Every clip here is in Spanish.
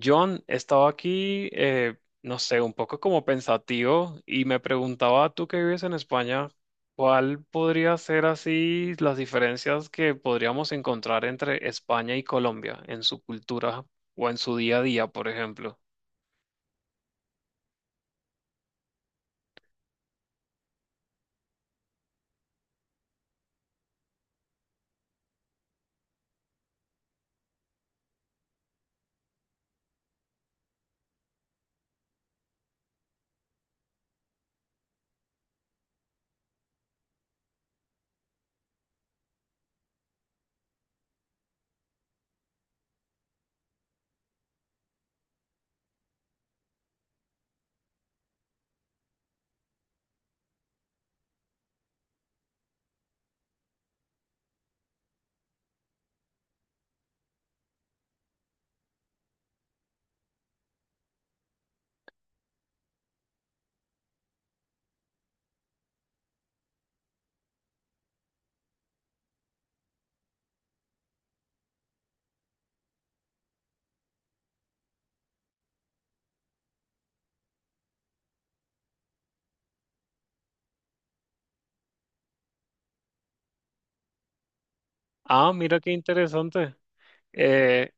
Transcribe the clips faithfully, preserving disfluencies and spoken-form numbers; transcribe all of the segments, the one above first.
John, estaba aquí, eh, no sé, un poco como pensativo y me preguntaba, tú que vives en España, ¿cuál podría ser así las diferencias que podríamos encontrar entre España y Colombia en su cultura o en su día a día, por ejemplo? Ah, mira qué interesante. Eh,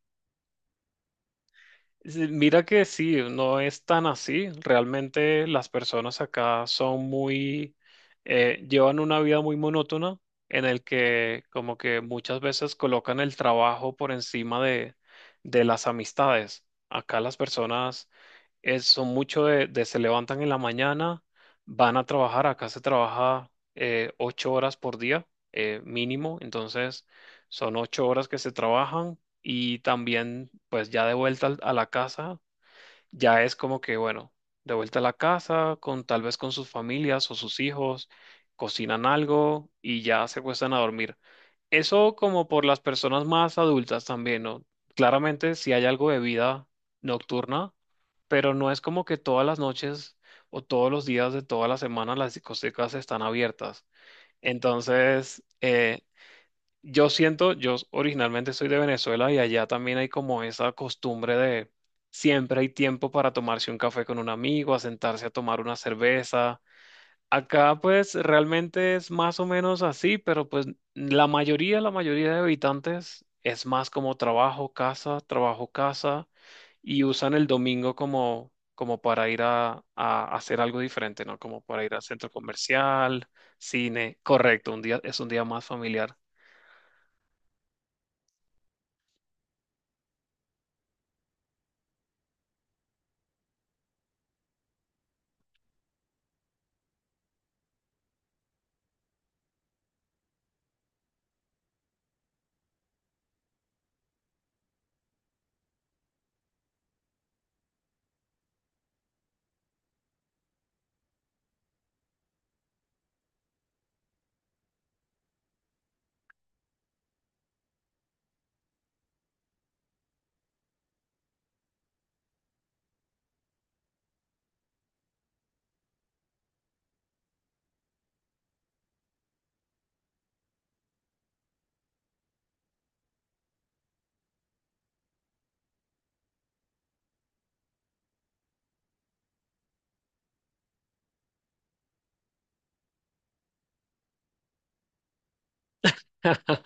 Sí, mira que sí, no es tan así. Realmente las personas acá son muy, eh, llevan una vida muy monótona en el que como que muchas veces colocan el trabajo por encima de, de las amistades. Acá las personas es- son muchos de, de se levantan en la mañana, van a trabajar, acá se trabaja eh, ocho horas por día, eh, mínimo, entonces son ocho horas que se trabajan y también pues ya de vuelta al- a la casa, ya es como que, bueno, de vuelta a la casa, con tal vez con sus familias o sus hijos, cocinan algo y ya se acuestan a dormir. Eso como por las personas más adultas también, ¿no? Claramente si hay algo de vida nocturna, pero no es como que todas las noches o todos los días de toda la semana las discotecas están abiertas. Entonces, eh, yo siento, yo originalmente soy de Venezuela y allá también hay como esa costumbre de siempre hay tiempo para tomarse un café con un amigo, a sentarse a tomar una cerveza. Acá pues realmente es más o menos así, pero pues la mayoría, la mayoría de habitantes es más como trabajo, casa, trabajo, casa, y usan el domingo como, como para ir a, a hacer algo diferente, ¿no? Como para ir al centro comercial, cine, correcto, un día es un día más familiar.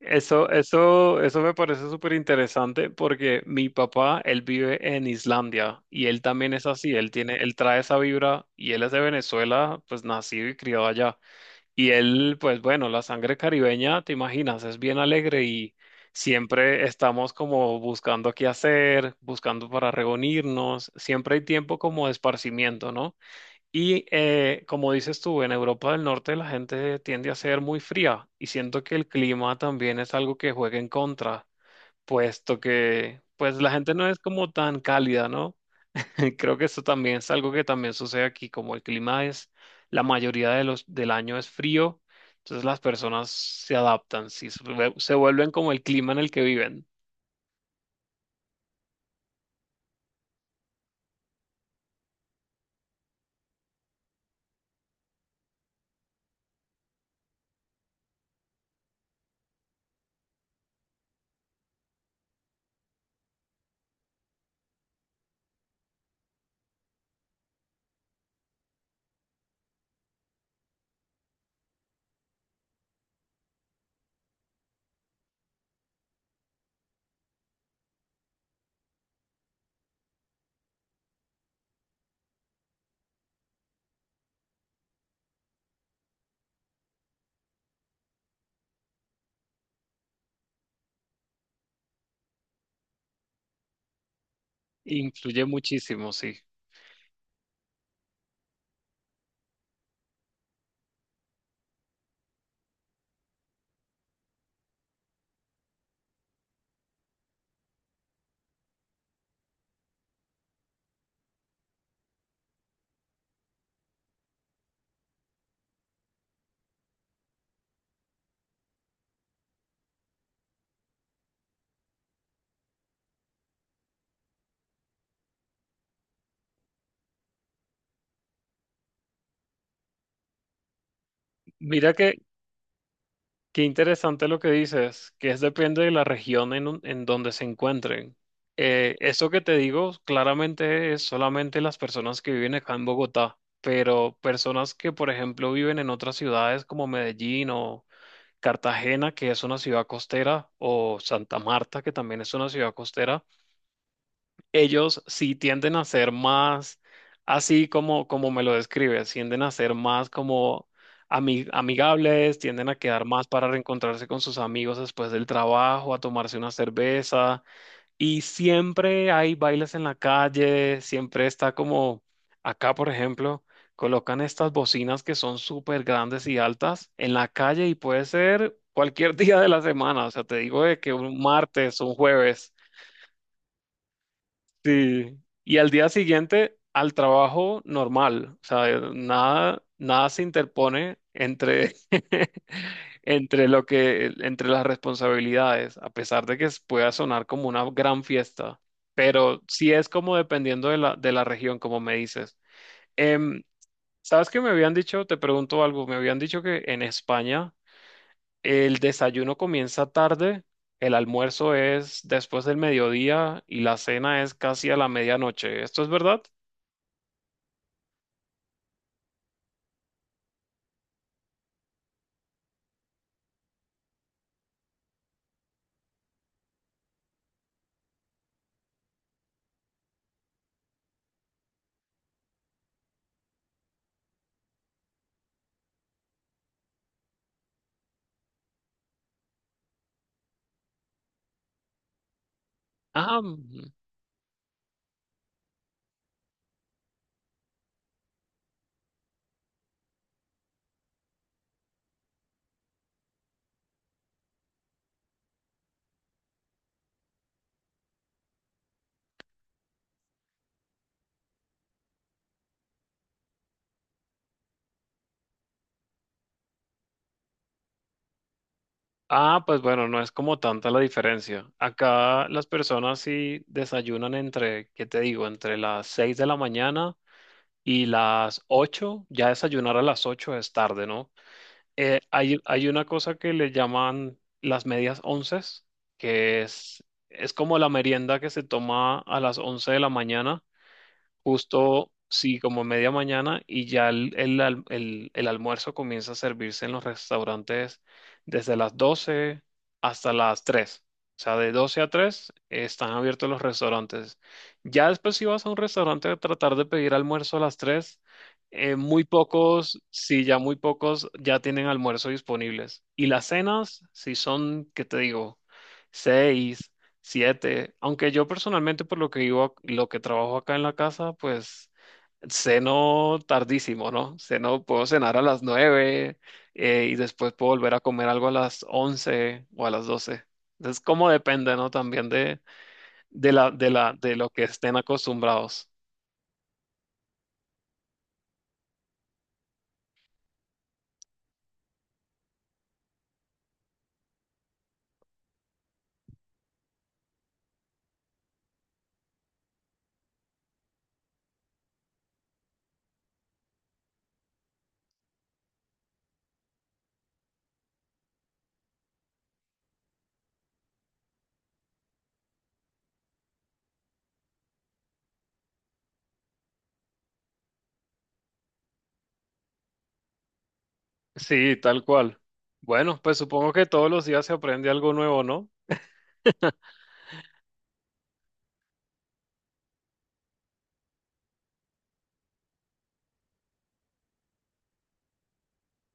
Eso, eso, eso me parece súper interesante porque mi papá, él vive en Islandia y él también es así, él tiene, él trae esa vibra y él es de Venezuela, pues nacido y criado allá. Y él, pues bueno, la sangre caribeña, te imaginas, es bien alegre y siempre estamos como buscando qué hacer, buscando para reunirnos, siempre hay tiempo como de esparcimiento, ¿no? Y eh, como dices tú, en Europa del Norte la gente tiende a ser muy fría y siento que el clima también es algo que juega en contra, puesto que pues la gente no es como tan cálida, ¿no? Creo que eso también es algo que también sucede aquí, como el clima es, la mayoría de los, del año es frío, entonces las personas se adaptan, sí, se vuel- se vuelven como el clima en el que viven. Influye muchísimo, sí. Mira que Qué interesante lo que dices, que es depende de la región en, un- en donde se encuentren. Eh, eso que te digo claramente es solamente las personas que viven acá en Bogotá, pero personas que, por ejemplo, viven en otras ciudades como Medellín o Cartagena, que es una ciudad costera, o Santa Marta, que también es una ciudad costera. Ellos sí tienden a ser más, así como, como me lo describes, tienden a ser más como ami- amigables, tienden a quedar más para reencontrarse con sus amigos después del trabajo, a tomarse una cerveza. Y siempre hay bailes en la calle, siempre está como acá, por ejemplo. Colocan estas bocinas que son súper grandes y altas en la calle y puede ser cualquier día de la semana. O sea, te digo de que un martes, un jueves. Sí, y al día siguiente al trabajo normal, o sea, nada, nada se interpone entre, entre lo que, entre las responsabilidades, a pesar de que s- pueda sonar como una gran fiesta, pero sí es como dependiendo de la, de la región, como me dices. Em, ¿sabes qué me habían dicho? Te pregunto algo, me habían dicho que en España el desayuno comienza tarde, el almuerzo es después del mediodía y la cena es casi a la medianoche. ¿Esto es verdad? Ah, mm, ah, pues bueno, no es como tanta la diferencia. Acá las personas sí desayunan entre, ¿qué te digo? Entre las seis de la mañana y las ocho. Ya desayunar a las ocho es tarde, ¿no? Eh, hay, hay una cosa que le llaman las medias onces, que es, es como la merienda que se toma a las once de la mañana justo, sí, como media mañana, y ya el, el, al- el- el almuerzo comienza a servirse en los restaurantes desde las doce hasta las tres. O sea, de doce a tres están abiertos los restaurantes. Ya después, si vas a un restaurante a tratar de pedir almuerzo a las tres, eh, muy pocos, sí, ya muy pocos ya tienen almuerzo disponibles. Y las cenas, si son, ¿qué te digo? Seis, siete. Aunque yo personalmente, por lo que vivo, ac- lo que trabajo acá en la casa, pues ceno tardísimo, ¿no? Ceno, puedo cenar a las nueve, eh, y después puedo volver a comer algo a las once o a las doce. Entonces, como depende, ¿no? También de, de la, de la, de lo que estén acostumbrados. Sí, tal cual. Bueno, pues supongo que todos los días se aprende algo nuevo, ¿no?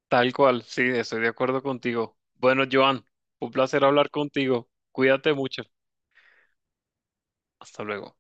Tal cual, sí, estoy de acuerdo contigo. Bueno, Joan, un placer hablar contigo. Cuídate mucho. Hasta luego.